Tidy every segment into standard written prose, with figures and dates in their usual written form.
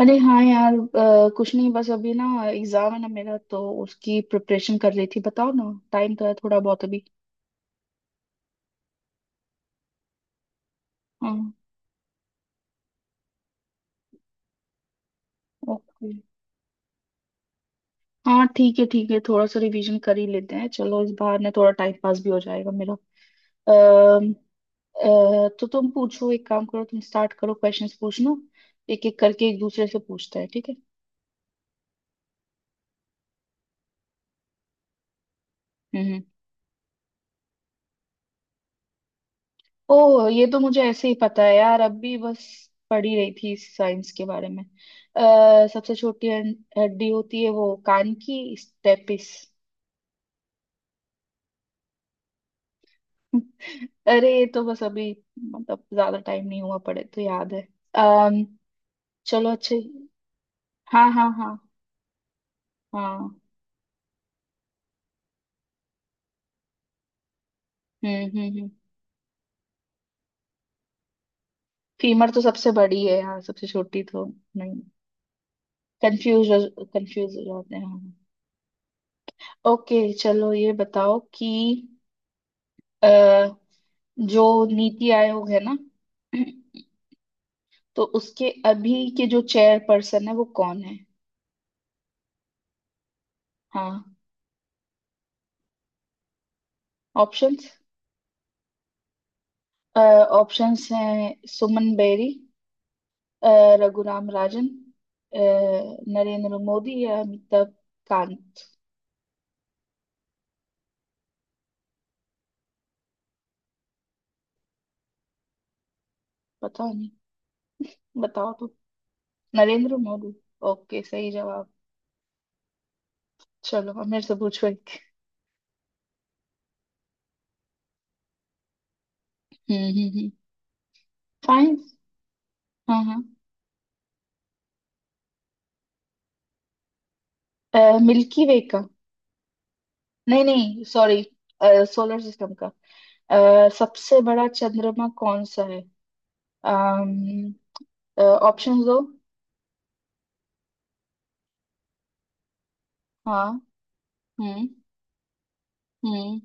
अरे हाँ यार, कुछ नहीं। बस अभी ना एग्जाम है ना मेरा, तो उसकी प्रिपरेशन कर रही थी। बताओ ना, टाइम तो है थोड़ा बहुत अभी। हाँ। ओके। हाँ ठीक है ठीक है, थोड़ा सा रिवीजन कर ही लेते हैं। चलो इस बार ना थोड़ा टाइम पास भी हो जाएगा मेरा। अम, तो तुम पूछो, एक काम करो, तुम स्टार्ट करो क्वेश्चंस पूछना। एक एक करके एक दूसरे से पूछते हैं, ठीक है। हम्म हम्म। ओह ये तो मुझे ऐसे ही पता है यार, अब भी बस पढ़ी रही थी साइंस के बारे में। सबसे छोटी हड्डी होती है वो कान की स्टेपिस। अरे ये तो बस अभी मतलब ज्यादा टाइम नहीं हुआ पड़े, तो याद है। अम्म चलो अच्छे। हाँ हाँ हाँ हाँ। हम्म। फीमर तो सबसे बड़ी है, हाँ सबसे छोटी तो नहीं। कंफ्यूज, कंफ्यूज हो जाते हैं हाँ। ओके, चलो ये बताओ कि जो नीति आयोग है ना, तो उसके अभी के जो चेयर पर्सन है वो कौन है। हाँ। ऑप्शंस। ऑप्शंस हैं सुमन बेरी, अ, रघुराम राजन, अ, नरेंद्र मोदी या अमिताभ कांत। पता नहीं, बताओ तो। नरेंद्र मोदी। ओके सही जवाब। चलो अब मेरे से पूछो एक। हम्म। फाइन। हाँ हाँ। मिल्की वे का? नहीं नहीं सॉरी। सोलर सिस्टम का सबसे बड़ा चंद्रमा कौन सा है? ऑप्शन दो। हाँ। हम्म हम्म।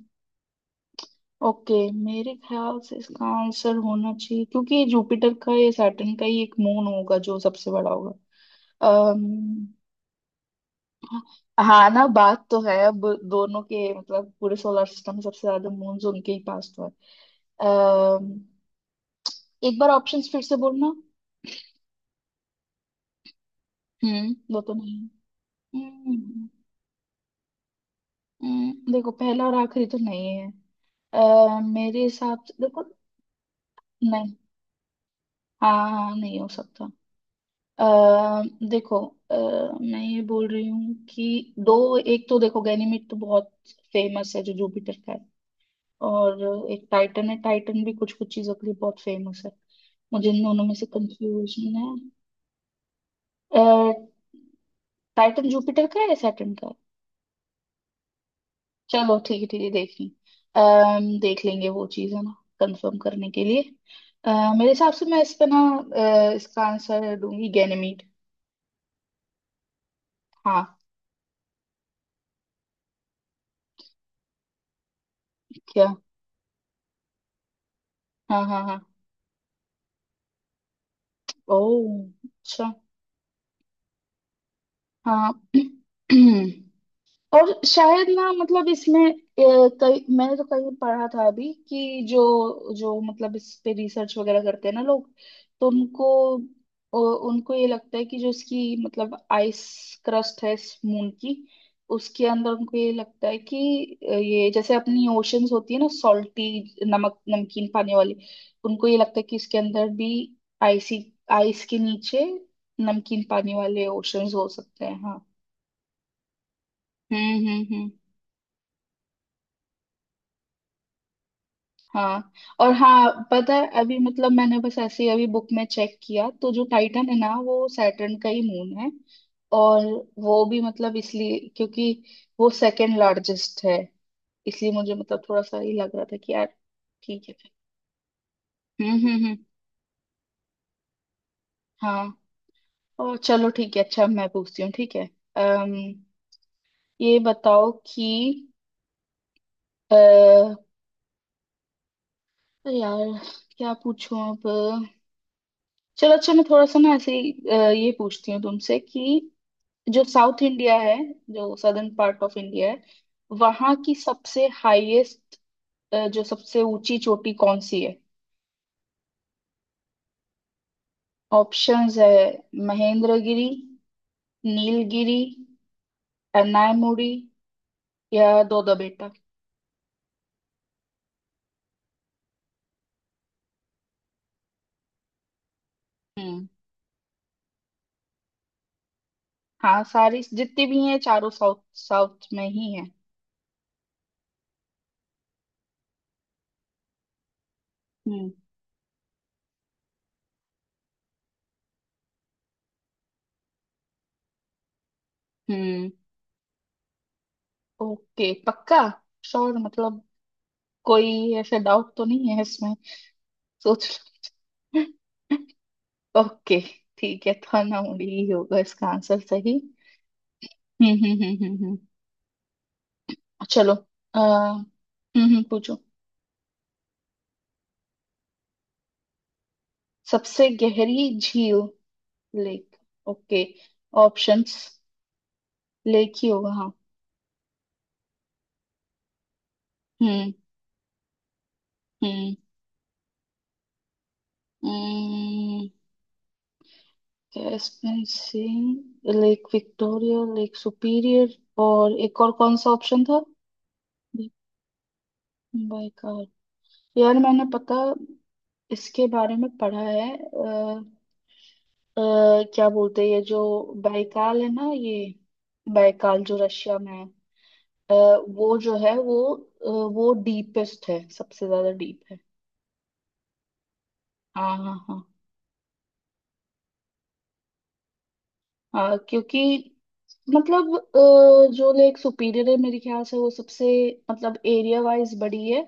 ओके। मेरे ख्याल से इसका आंसर होना चाहिए क्योंकि ये जुपिटर का या सैटर्न का ही एक मून होगा जो सबसे बड़ा होगा। अम्म हाँ ना, बात तो है अब दोनों के मतलब पूरे सोलर सिस्टम में सबसे ज्यादा मून्स उनके ही पास तो है। अम्म एक बार ऑप्शंस फिर से बोलना। वो तो नहीं। हम्म, देखो पहला और आखिरी तो नहीं है। मेरे हिसाब से देखो। नहीं, हाँ हाँ नहीं हो सकता। आ, देखो, अ, मैं ये बोल रही हूँ कि दो एक तो देखो, गैनीमेड तो बहुत फेमस है जो जुपिटर का है। और एक टाइटन है, टाइटन भी कुछ कुछ चीजों के लिए बहुत फेमस है। मुझे इन दोनों में से कंफ्यूजन है, टाइटन जुपिटर का है या सैटर्न का है। चलो ठीक है देख लें। देख लेंगे वो चीज़ है ना कंफर्म करने के लिए। मेरे हिसाब से मैं इस पे ना इसका आंसर दूंगी गैनेमीड। हाँ। क्या? हाँ हाँ हाँ। ओह अच्छा। हाँ और शायद ना मतलब इसमें कई, मैंने तो कहीं पढ़ा था अभी कि जो जो मतलब इस पे रिसर्च वगैरह करते हैं ना लोग, तो उनको उनको ये लगता है कि जो इसकी मतलब आइस क्रस्ट है इस मून की, उसके अंदर उनको ये लगता है कि ये जैसे अपनी ओशंस होती है ना, सॉल्टी नमक नमकीन पानी वाली, उनको ये लगता है कि इसके अंदर भी आइसी, आइस के नीचे नमकीन पानी वाले ओशंस हो सकते हैं। हाँ। हम्म। हाँ और हाँ पता है अभी मतलब मैंने बस ऐसे ही अभी बुक में चेक किया तो जो टाइटन है ना वो सैटर्न का ही मून है। और वो भी मतलब इसलिए क्योंकि वो सेकंड लार्जेस्ट है, इसलिए मुझे मतलब थोड़ा सा ये लग रहा था कि यार ठीक है फिर। हम्म। हाँ और चलो ठीक है, अच्छा मैं पूछती हूँ ठीक है। अम ये बताओ कि अ, यार क्या पूछूं अब। चलो अच्छा मैं थोड़ा सा ना ऐसे ही ये पूछती हूँ तुमसे कि जो साउथ इंडिया है, जो सदर्न पार्ट ऑफ इंडिया है, वहां की सबसे हाईएस्ट जो सबसे ऊंची चोटी कौन सी है। ऑप्शंस है महेंद्रगिरी, नीलगिरी, अन्नायमुड़ी या दोदबेटा। हम्म। हाँ, सारी जितनी भी हैं चारों साउथ साउथ में ही है। हम्म हम्म। ओके पक्का, श्योर, मतलब कोई ऐसा डाउट तो नहीं है इसमें। सोच लो। ओके, ठीक है तो अन्नामुड़ी ही होगा इसका आंसर सही। हम्म। चलो। आ, पूछो। सबसे गहरी झील? लेक? ओके। ऑप्शंस। लेक ही होगा हाँ। हम्म हम्म। हम्म, Caspian sea, lake Victoria, lake Superior, और एक और कौन सा ऑप्शन था? By car? यार मैंने, पता, इसके बारे में पढ़ा है। क्या बोलते हैं ये जो बाइकाल है ना, ये बाइकाल जो रशिया में है, वो जो है वो वो डीपेस्ट है, सबसे ज्यादा डीप है। हाँ हाँ हाँ। हाँ क्योंकि मतलब जो लेक सुपीरियर है मेरे ख्याल से वो सबसे मतलब एरिया वाइज बड़ी है।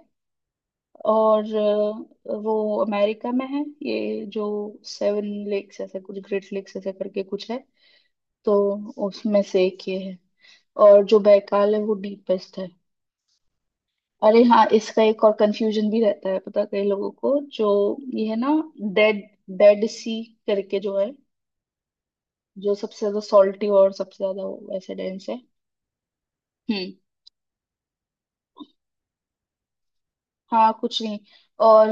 और वो अमेरिका में है, ये जो सेवन लेक्स ऐसे कुछ ग्रेट लेक्स ऐसे करके कुछ है, तो उसमें से एक ये है। और जो बैकाल है वो डीपेस्ट है। अरे हाँ इसका एक और कंफ्यूजन भी रहता है पता है कई लोगों को, जो ये है ना डेड, डेड सी करके जो है, जो सबसे ज्यादा सॉल्टी और सबसे ज्यादा वो ऐसे डेंस है। हम्म। हाँ कुछ नहीं। और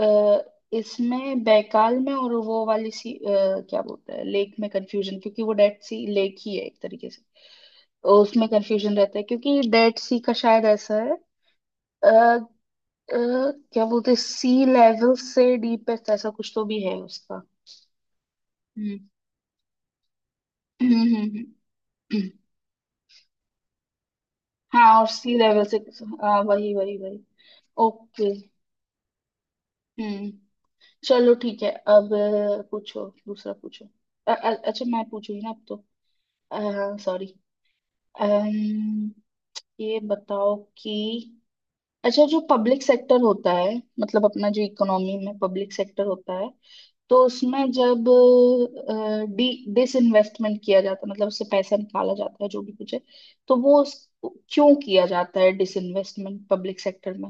इसमें बैकाल में और वो वाली सी क्या बोलते हैं लेक में कंफ्यूजन क्योंकि वो डेड सी लेक ही है एक तरीके से। उसमें कंफ्यूजन रहता है क्योंकि डेड सी का शायद ऐसा है अ, अ, क्या बोलते हैं सी लेवल से डीपेस्ट ऐसा कुछ तो भी है उसका। हम्म हम्म, हम्म, हम्म, हम्म। हाँ और सी लेवल से हाँ वही वही वही। ओके। हम्म। चलो ठीक है अब पूछो दूसरा पूछो। अच्छा मैं पूछूंगी ना अब तो। सॉरी। ये बताओ कि अच्छा जो पब्लिक सेक्टर होता है, मतलब अपना जो इकोनॉमी में पब्लिक सेक्टर होता है, तो उसमें जब अ, डी डिसइन्वेस्टमेंट किया जाता है, मतलब उससे पैसा निकाला जाता है जो भी कुछ है, तो क्यों किया जाता है डिसइन्वेस्टमेंट पब्लिक सेक्टर में?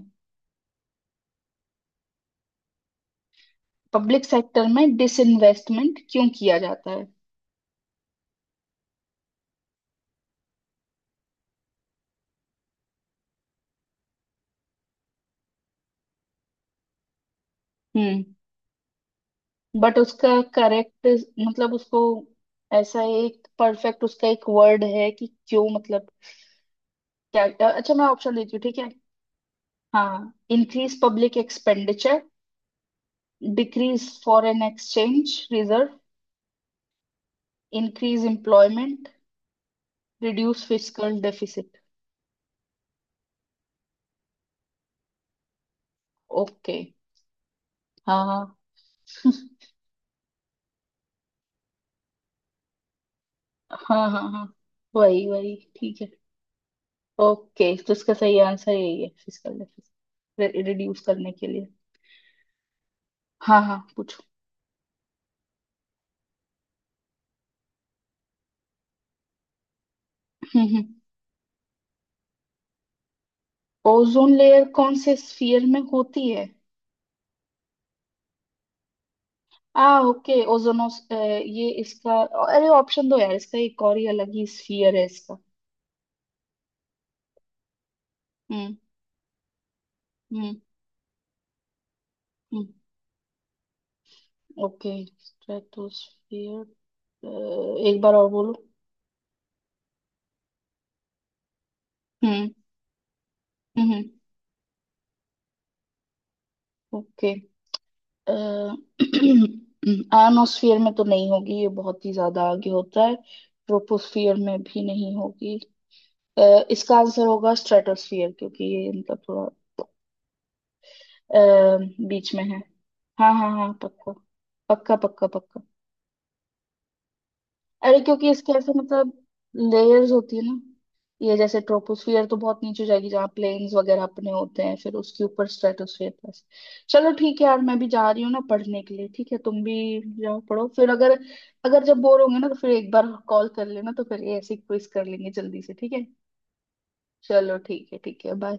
पब्लिक सेक्टर में डिसइन्वेस्टमेंट क्यों किया जाता है? हम्म। बट उसका करेक्ट मतलब उसको ऐसा एक परफेक्ट उसका एक वर्ड है कि क्यों मतलब क्या, अच्छा मैं ऑप्शन देती हूँ ठीक है। हाँ। Increase public expenditure, decrease foreign exchange reserve, increase employment, reduce fiscal deficit. Okay. हाँ हाँ। हाँ हाँ हाँ वही वही ठीक है। ओके तो इसका सही आंसर यही है, फिस्कल डेफिसिट रिड्यूस करने के लिए। हाँ हाँ पूछो। हम्म। ओजोन लेयर कौन से स्फीयर में होती है? आ ओके ओजोनोस ये इसका, अरे ऑप्शन दो यार, इसका एक और ही अलग ही स्फीयर है इसका। हम्म। हम्म. हम्म, ओके स्ट्रेटोस्फियर, एक बार और बोलो। हम्म हम्म। ओके। आयनोस्फीयर में तो नहीं होगी, ये बहुत ही ज्यादा आगे होता है। ट्रोपोस्फियर में भी नहीं होगी। अ, इसका आंसर होगा स्ट्रेटोस्फियर क्योंकि ये इनका थोड़ा अ, बीच में है। हाँ हाँ हाँ पक्का पक्का पक्का पक्का। अरे क्योंकि इसके ऐसे मतलब लेयर्स होती है ना, ये जैसे ट्रोपोस्फियर तो बहुत नीचे जाएगी जहाँ प्लेन्स वगैरह अपने होते हैं, फिर उसके ऊपर स्ट्रेटोस्फियर प्लस। चलो ठीक है यार मैं भी जा रही हूँ ना पढ़ने के लिए, ठीक है तुम भी जाओ पढ़ो। फिर अगर अगर जब बोर होंगे ना तो फिर एक बार कॉल कर लेना तो फिर ये ऐसे क्विज कर लेंगे जल्दी से, ठीक है। चलो ठीक है बाय।